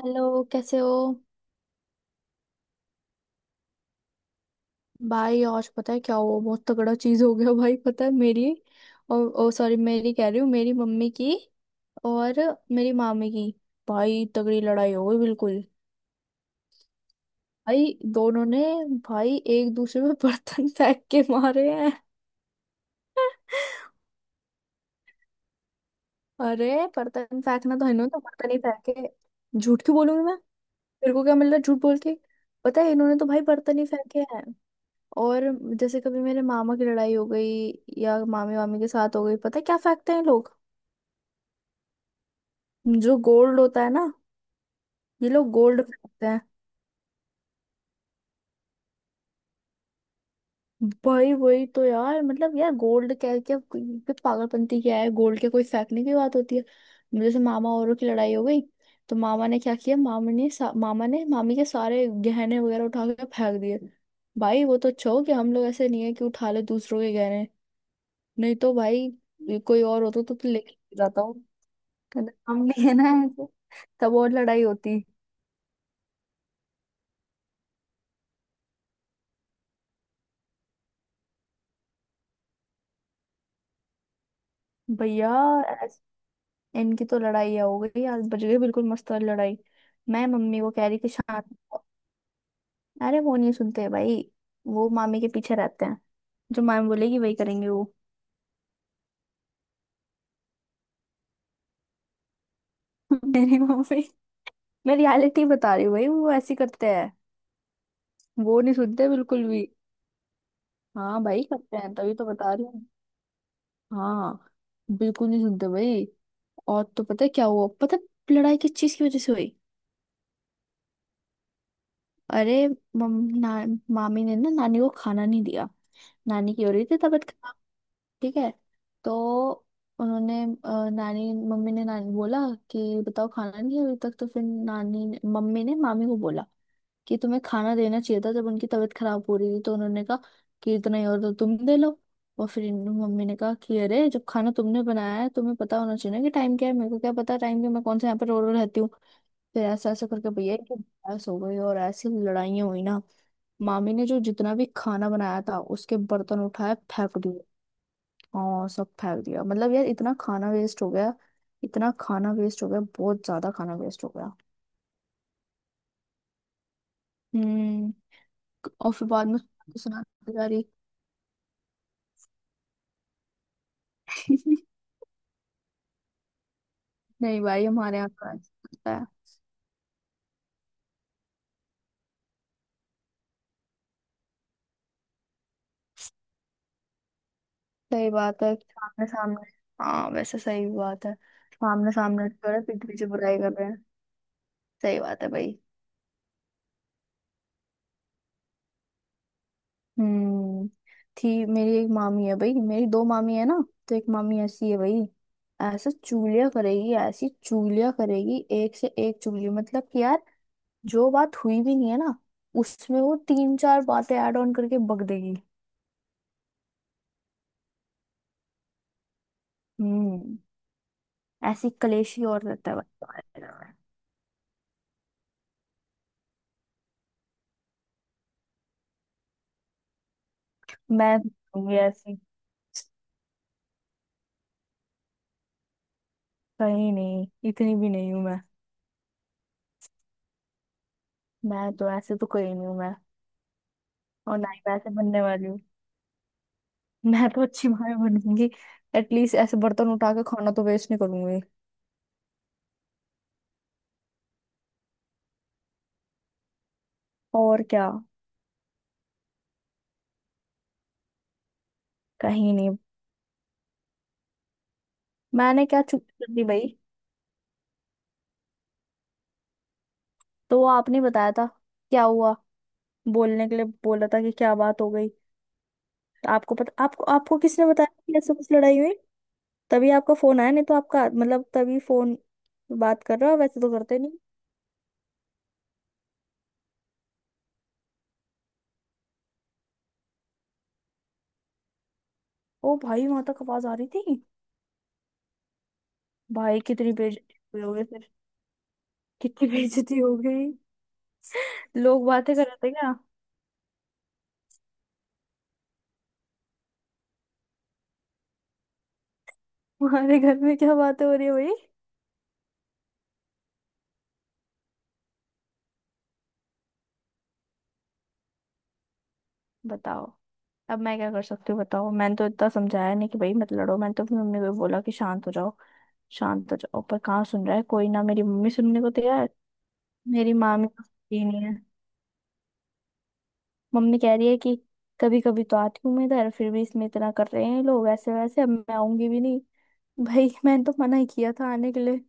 Hello, कैसे हो। भाई, आज पता है क्या हुआ? बहुत तगड़ा चीज हो गया। भाई, पता है मेरी और, ओ सॉरी, मेरी कह रही हूँ, मेरी मम्मी की और मेरी मामी की, भाई तगड़ी लड़ाई हो गई बिल्कुल। भाई दोनों ने, भाई एक दूसरे में बर्तन फेंक के मारे हैं। अरे बर्तन फेंकना तो, इन्होंने तो बर्तन ही फेंके, झूठ क्यों बोलूंगी मैं? मेरे को क्या मिल रहा है झूठ बोल के? पता है इन्होंने तो भाई बर्तन ही फेंके हैं। और जैसे कभी मेरे मामा की लड़ाई हो गई या मामी वामी के साथ हो गई, पता है क्या फेंकते हैं लोग? जो गोल्ड होता है ना, ये लोग गोल्ड फेंकते हैं। भाई वही तो यार, मतलब यार गोल्ड, क्या क्या क्या पागलपंती क्या है, गोल्ड के कोई फेंकने की बात होती है? जैसे मामा औरों की लड़ाई हो गई तो मामा ने क्या किया, मामा ने मामी के सारे गहने वगैरह उठा के फेंक दिए। भाई वो तो अच्छा हो कि हम लोग ऐसे नहीं है कि उठा ले दूसरों के गहने, नहीं तो भाई ये कोई और होता तो लेके जाता। हम भी है ना ऐसे, तब और लड़ाई होती। भैया, ऐस- इनकी तो लड़ाई हो गई आज, बज गई बिल्कुल मस्त वाली लड़ाई। मैं मम्मी को कह रही कि शांत रहो। अरे वो नहीं सुनते भाई, वो मामी के पीछे रहते हैं। जो मामी बोलेगी वही करेंगे वो। मेरी मम्मी, मैं रियलिटी बता रही हूँ भाई, वो ऐसे करते हैं, वो नहीं सुनते बिल्कुल भी। हाँ भाई, करते हैं तभी तो बता रही हूँ। हाँ, बिल्कुल नहीं सुनते भाई। और तो पता है क्या हुआ, पता है लड़ाई किस चीज की वजह से हुई? अरे मामी ने ना नानी को खाना नहीं दिया। नानी की हो रही थी तबीयत खराब। ठीक है, तो उन्होंने अ, नानी मम्मी ने नानी बोला कि बताओ खाना नहीं है अभी तक, तो फिर मम्मी ने मामी को बोला कि तुम्हें खाना देना चाहिए था जब उनकी तबीयत खराब हो रही थी। तो उन्होंने कहा कि इतना ही और तो तुम दे लो। और फिर मम्मी ने कहा कि अरे जब खाना तुमने बनाया है तुम्हें पता होना चाहिए ना कि टाइम क्या है, मेरे को क्या पता टाइम का, मैं कौन से यहाँ पर रो रो रहती हूँ। फिर ऐसा ऐसा करके भैया की बहस हो गई और ऐसी लड़ाइयाँ हुई ना। मामी ने जो जितना भी खाना बनाया था उसके बर्तन उठाए फेंक दिए। हाँ, सब फेंक दिया, मतलब यार इतना खाना वेस्ट हो गया। इतना खाना वेस्ट हो गया, बहुत ज्यादा खाना वेस्ट हो गया। हम्म। और फिर बाद में सुना जा रही। नहीं भाई, हमारे यहाँ का ऐसा होता है। सही बात है, सामने सामने। हाँ वैसे सही बात है, सामने सामने जो है, पीठ पीछे बुराई कर रहे हैं। सही बात है भाई। हम्म। थी मेरी एक मामी है भाई, मेरी दो मामी है ना, तो एक मामी ऐसी है भाई, ऐसा चूलिया करेगी, ऐसी चूलिया करेगी, एक से एक चूलिया, मतलब कि यार जो बात हुई भी नहीं है ना, उसमें वो तीन चार बातें ऐड ऑन करके बक देगी। हम्म। ऐसी कलेशी और रहता है भाई। मैं हूँ ऐसी? कहीं नहीं, इतनी भी नहीं हूँ मैं। मैं तो ऐसे तो कहीं नहीं हूँ मैं, और ना ही मैं ऐसे बनने वाली हूँ। मैं तो अच्छी माँ बनूंगी, एटलीस्ट ऐसे बर्तन उठा के खाना तो वेस्ट नहीं करूंगी। और क्या। कहीं नहीं, मैंने क्या चुप कर दी भाई। तो वो आपने बताया था क्या हुआ, बोलने के लिए बोला था कि क्या बात हो गई। तो आपको पता आपको आपको किसने बताया कि ऐसे कुछ लड़ाई हुई? तभी आपका फोन आया, नहीं तो आपका मतलब तभी फोन, बात कर रहे हो वैसे तो करते नहीं। ओ भाई वहां तक आवाज आ रही थी? भाई कितनी बेइज्जती हुई होगी फिर, कितनी बेइज्जती हो गई। लोग बातें कर रहे थे क्या? हमारे घर में क्या बातें हो रही है भाई, बताओ। अब मैं क्या कर सकती हूँ बताओ, मैंने तो इतना समझाया नहीं कि भाई मत लड़ो, मैंने तो अपनी मम्मी को बोला कि शांत हो जाओ, शांत हो जाओ, पर कहाँ सुन रहा है कोई ना, मेरी मम्मी सुनने को तैयार। मेरी मामी तो सुनती ही नहीं है, मम्मी कह रही है कि कभी कभी तो आती हूँ मैं इधर, फिर भी इसमें इतना कर रहे हैं ये लोग, ऐसे वैसे अब मैं आऊंगी भी नहीं। भाई मैंने तो मना ही किया था आने के लिए।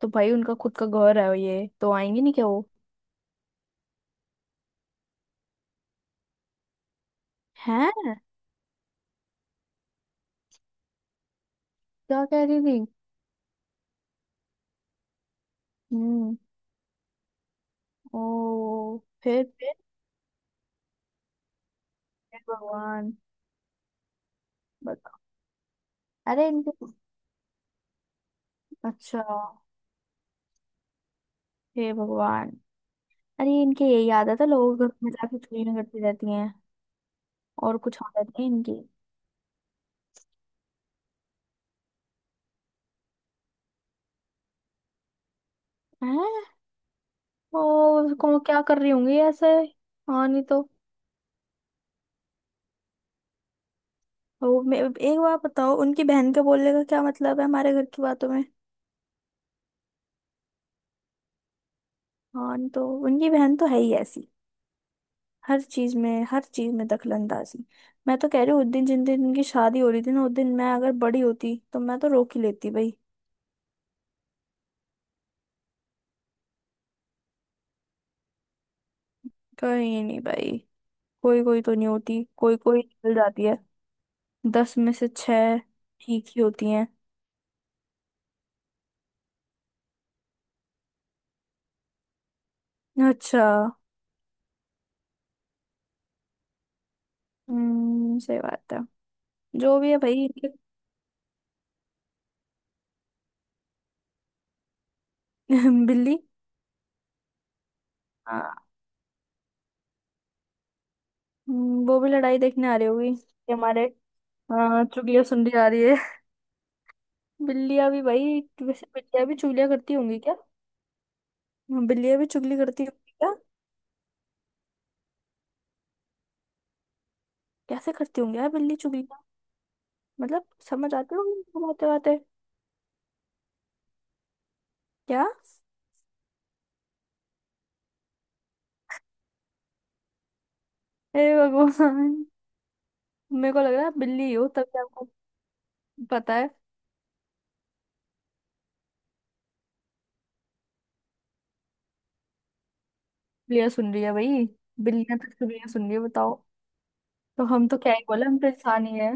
तो भाई उनका खुद का घर है, ये तो आएंगे नहीं क्या वो। हैं, क्या कह रही थी? हम्म। ओ, फिर फिर। हे भगवान, बताओ। अरे इनके, अच्छा, हे भगवान, अरे इनके यही आदत है, लोग घर में जाके चोरियां करती रहती हैं, और कुछ आदत नहीं इनकी। हैं। ओ, को क्या कर रही होंगी ऐसे। हाँ नहीं तो। ओ, एक बार बताओ उनकी बहन के बोलने का क्या मतलब है हमारे घर की बातों में? हाँ नहीं तो, उनकी बहन तो है ही ऐसी, हर चीज में दखलंदाजी। मैं तो कह रही हूँ उस दिन जिन दिन इनकी शादी हो रही थी ना, उस दिन मैं अगर बड़ी होती तो मैं तो रोक ही लेती भाई। कहीं नहीं भाई, कोई कोई तो नहीं होती, कोई कोई निकल जाती है, दस में से छह ठीक ही होती हैं। अच्छा। हम्म, सही बात है। जो भी है भाई इनके- बिल्ली। हाँ। वो भी लड़ाई देखने आ रही होगी कि हमारे। हाँ, चुगलिया सुन रही आ रही है। बिल्लियां भी भाई, वैसे बिल्लियां भी चुगलिया करती होंगी क्या? हाँ, बिल्लियां भी चुगली करती होंगी क्या? कैसे करती होंगी यार बिल्ली चुगलिया, मतलब समझ आती होंगी उनको बातें बातें? क्या? हे भगवान। मेरे को लग रहा है आप बिल्ली हो, तभी आपको पता है। बिल्लियां सुन रही है भाई, बिल्लियां तो चुगलियां सुन रही है बताओ। तो हम तो क्या ही बोले, हम तो इंसान ही है।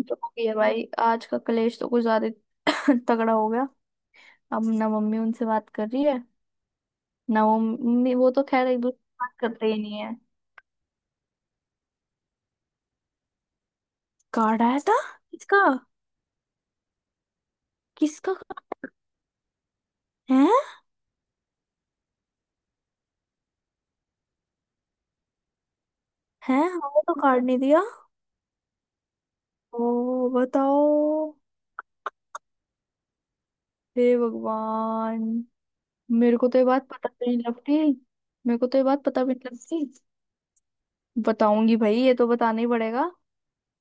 जो हो गई है भाई, आज का कलेश तो कुछ ज्यादा ही तगड़ा हो गया। अब ना मम्मी उनसे बात कर रही है ना वो मम्मी, वो तो खैर एक दूसरे से बात करते ही नहीं है। कार्ड आया था? किसका? किसका है? है, हमें तो कार्ड नहीं दिया। ओ बताओ। हे भगवान, मेरे को तो ये बात पता भी नहीं लगती, मेरे को तो ये बात पता भी नहीं लगती। बताऊंगी भाई, ये तो बताना ही पड़ेगा,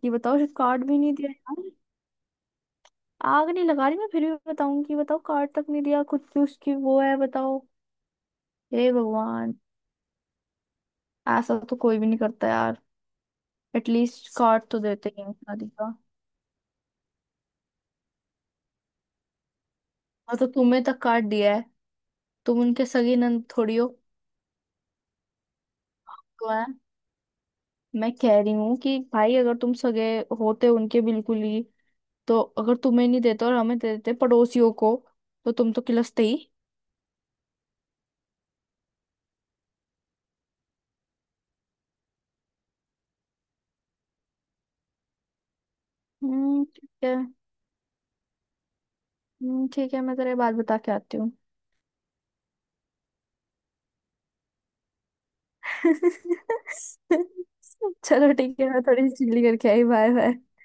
कि बताओ सिर्फ कार्ड भी नहीं दिया यार। आग नहीं लगा रही मैं, फिर भी बताऊंगी, बताओ कार्ड तक नहीं दिया, खुद की उसकी वो है बताओ। हे भगवान, ऐसा तो कोई भी नहीं करता यार, एटलीस्ट कार्ड तो देते ही हैं शादी का। और तो तुम्हें तक कार्ड दिया है, तुम उनके सगे नंद थोड़ी हो। तो मैं मैं कह रही हूँ कि भाई अगर तुम सगे होते उनके बिल्कुल ही, तो अगर तुम्हें नहीं देते और हमें दे देते पड़ोसियों को, तो तुम तो किलसते ही। ठीक है। ठीक है, मैं तेरे बाद बता के आती हूँ। चलो ठीक है, मैं थोड़ी चिल्ली करके आई, बाय बाय।